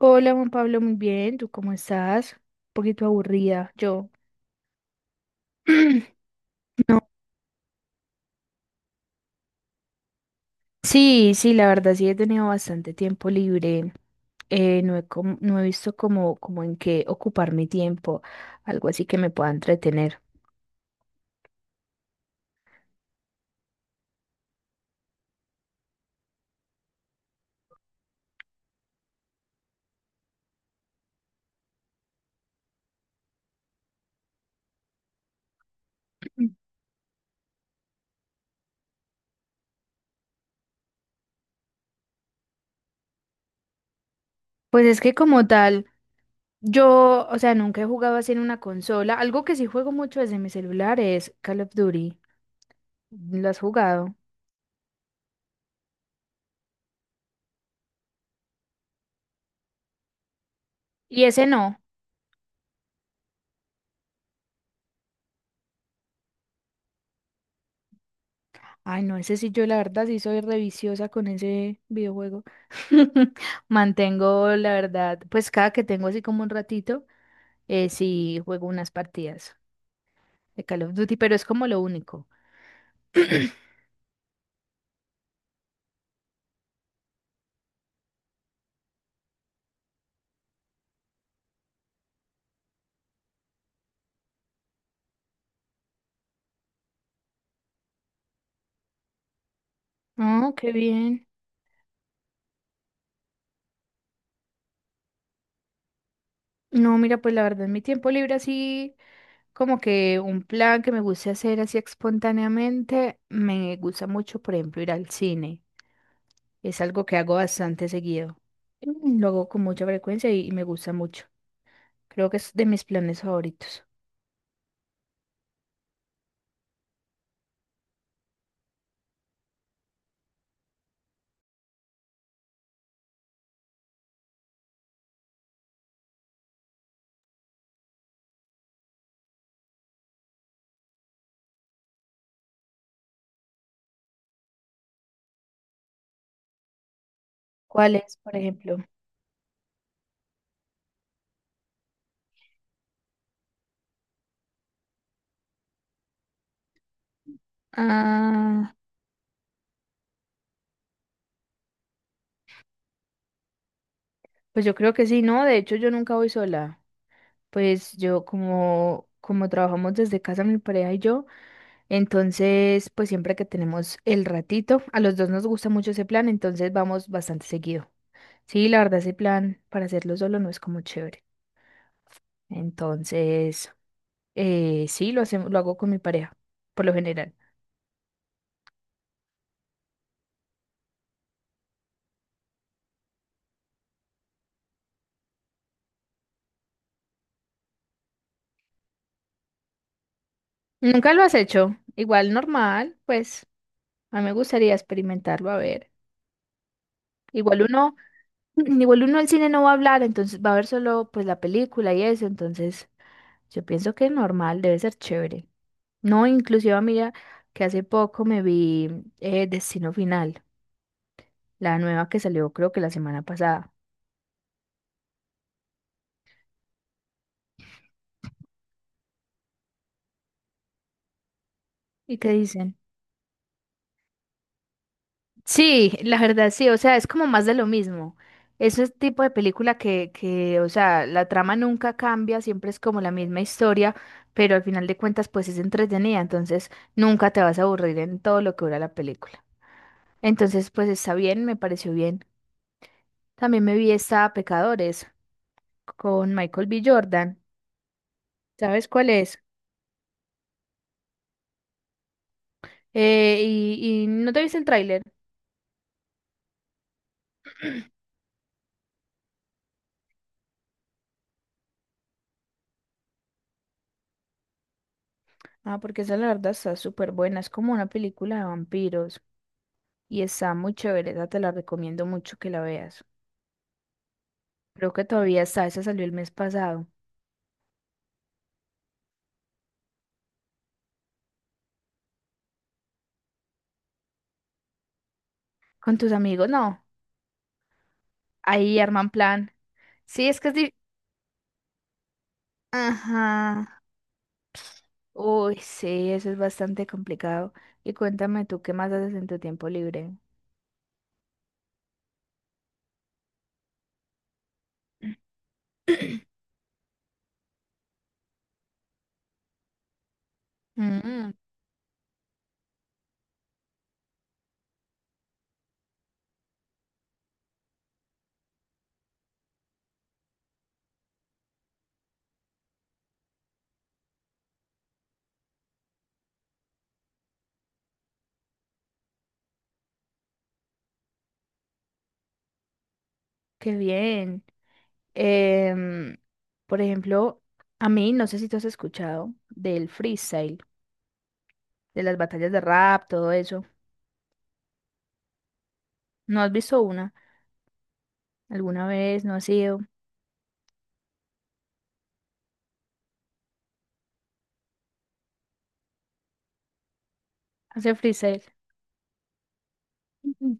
Hola Juan Pablo, muy bien, ¿tú cómo estás? Un poquito aburrida, yo. No, Sí, sí, la verdad sí he tenido bastante tiempo libre. No he visto como, como en qué ocupar mi tiempo, algo así que me pueda entretener. Mm. Pues es que como tal, yo, o sea, nunca he jugado así en una consola. Algo que sí juego mucho desde mi celular es Call of Duty. ¿Lo has jugado? Y ese no. Ay, no, ese sí, yo la verdad sí soy reviciosa con ese videojuego. Mantengo, la verdad, pues cada que tengo así como un ratito, sí juego unas partidas de Call of Duty, pero es como lo único. Oh, qué bien. No, mira, pues la verdad, en mi tiempo libre así, como que un plan que me guste hacer así espontáneamente, me gusta mucho, por ejemplo, ir al cine. Es algo que hago bastante seguido. Mm, lo hago con mucha frecuencia y me gusta mucho. Creo que es de mis planes favoritos. ¿Cuál es, por ejemplo? Ah, pues yo creo que sí, no, de hecho yo nunca voy sola. Pues yo como como trabajamos desde casa mi pareja y yo, entonces pues siempre que tenemos el ratito, a los dos nos gusta mucho ese plan, entonces vamos bastante seguido. Sí, la verdad ese plan para hacerlo solo no es como chévere. Entonces, sí, lo hacemos, lo hago con mi pareja, por lo general. Nunca lo has hecho, igual normal, pues. A mí me gustaría experimentarlo, a ver. Igual uno, igual uno al cine no va a hablar, entonces va a ver solo pues la película y eso, entonces yo pienso que normal, debe ser chévere. No, inclusive mira que hace poco me vi Destino Final, la nueva que salió creo que la semana pasada. ¿Y qué dicen? Sí, la verdad sí, o sea, es como más de lo mismo. Es el tipo de película o sea, la trama nunca cambia, siempre es como la misma historia, pero al final de cuentas pues es entretenida, entonces nunca te vas a aburrir en todo lo que dura la película. Entonces pues está bien, me pareció bien. También me vi esta Pecadores con Michael B. Jordan, ¿sabes cuál es? Y no te viste el tráiler, ah, porque esa la verdad está súper buena, es como una película de vampiros. Y está muy chévere, esa te la recomiendo mucho que la veas. Creo que todavía está, esa salió el mes pasado. Con tus amigos, no. Ahí arman plan. Sí, es que es di- Ajá. Uy, sí, eso es bastante complicado. Y cuéntame tú, ¿qué más haces en tu tiempo libre? Mm, qué bien. Em, por ejemplo, a mí, no sé si tú has escuchado del freestyle, de las batallas de rap, todo eso. ¿No has visto una? ¿Alguna vez? ¿No has ido? Hace freestyle. Ujú.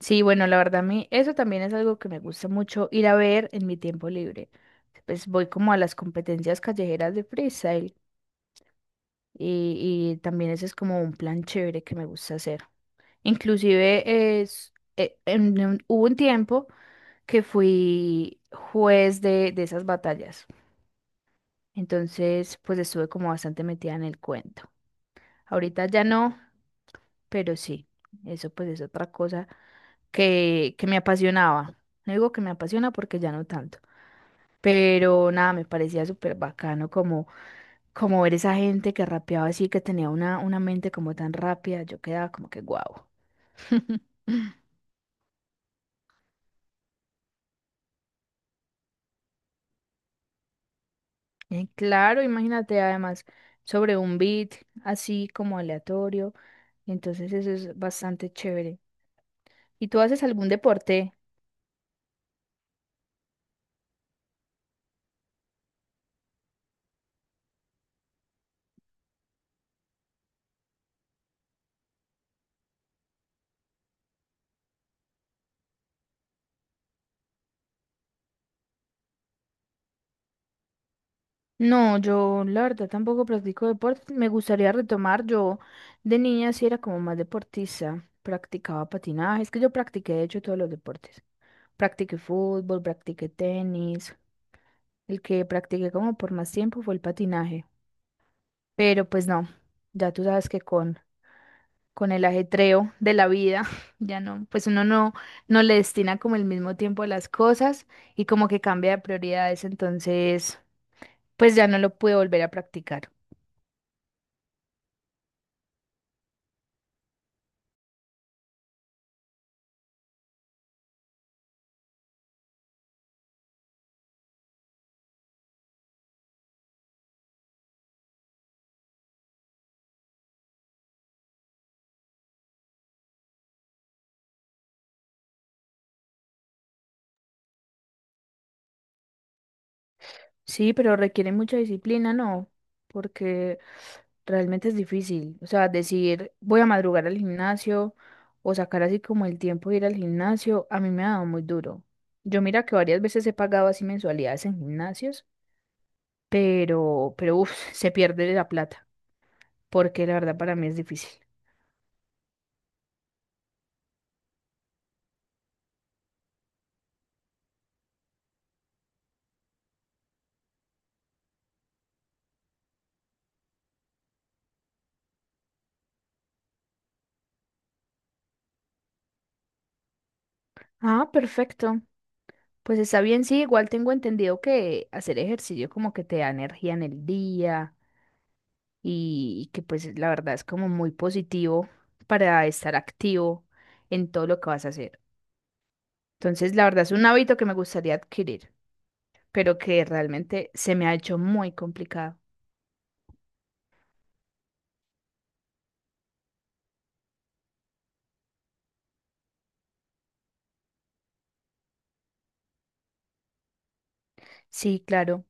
Sí, bueno, la verdad a mí eso también es algo que me gusta mucho ir a ver en mi tiempo libre. Pues voy como a las competencias callejeras de freestyle y también ese es como un plan chévere que me gusta hacer. Inclusive es, hubo un tiempo que fui juez de esas batallas. Entonces, pues estuve como bastante metida en el cuento. Ahorita ya no, pero sí, eso pues es otra cosa que me apasionaba. No digo que me apasiona porque ya no tanto, pero nada, me parecía súper bacano como, como ver esa gente que rapeaba así, que tenía una mente como tan rápida, yo quedaba como que guau. Claro, imagínate además sobre un beat así como aleatorio, entonces eso es bastante chévere. ¿Y tú haces algún deporte? No, yo la verdad tampoco practico deporte. Me gustaría retomar. Yo de niña sí era como más deportista. Practicaba patinaje. Es que yo practiqué de hecho todos los deportes. Practiqué fútbol, practiqué tenis. El que practiqué como por más tiempo fue el patinaje. Pero pues no, ya tú sabes que con el ajetreo de la vida, ya no, pues uno no, no le destina como el mismo tiempo a las cosas y como que cambia de prioridades. Entonces, pues ya no lo pude volver a practicar. Sí, pero requiere mucha disciplina, ¿no? Porque realmente es difícil. O sea, decir, voy a madrugar al gimnasio o sacar así como el tiempo de ir al gimnasio, a mí me ha dado muy duro. Yo mira que varias veces he pagado así mensualidades en gimnasios, pero uf, se pierde la plata, porque la verdad para mí es difícil. Ah, perfecto. Pues está bien, sí, igual tengo entendido que hacer ejercicio como que te da energía en el día y que pues la verdad es como muy positivo para estar activo en todo lo que vas a hacer. Entonces, la verdad es un hábito que me gustaría adquirir, pero que realmente se me ha hecho muy complicado. Sí, claro.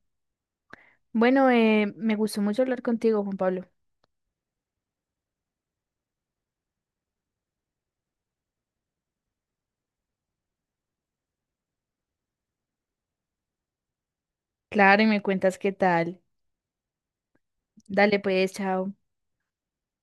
Bueno, me gustó mucho hablar contigo, Juan Pablo. Claro, y me cuentas qué tal. Dale pues, chao.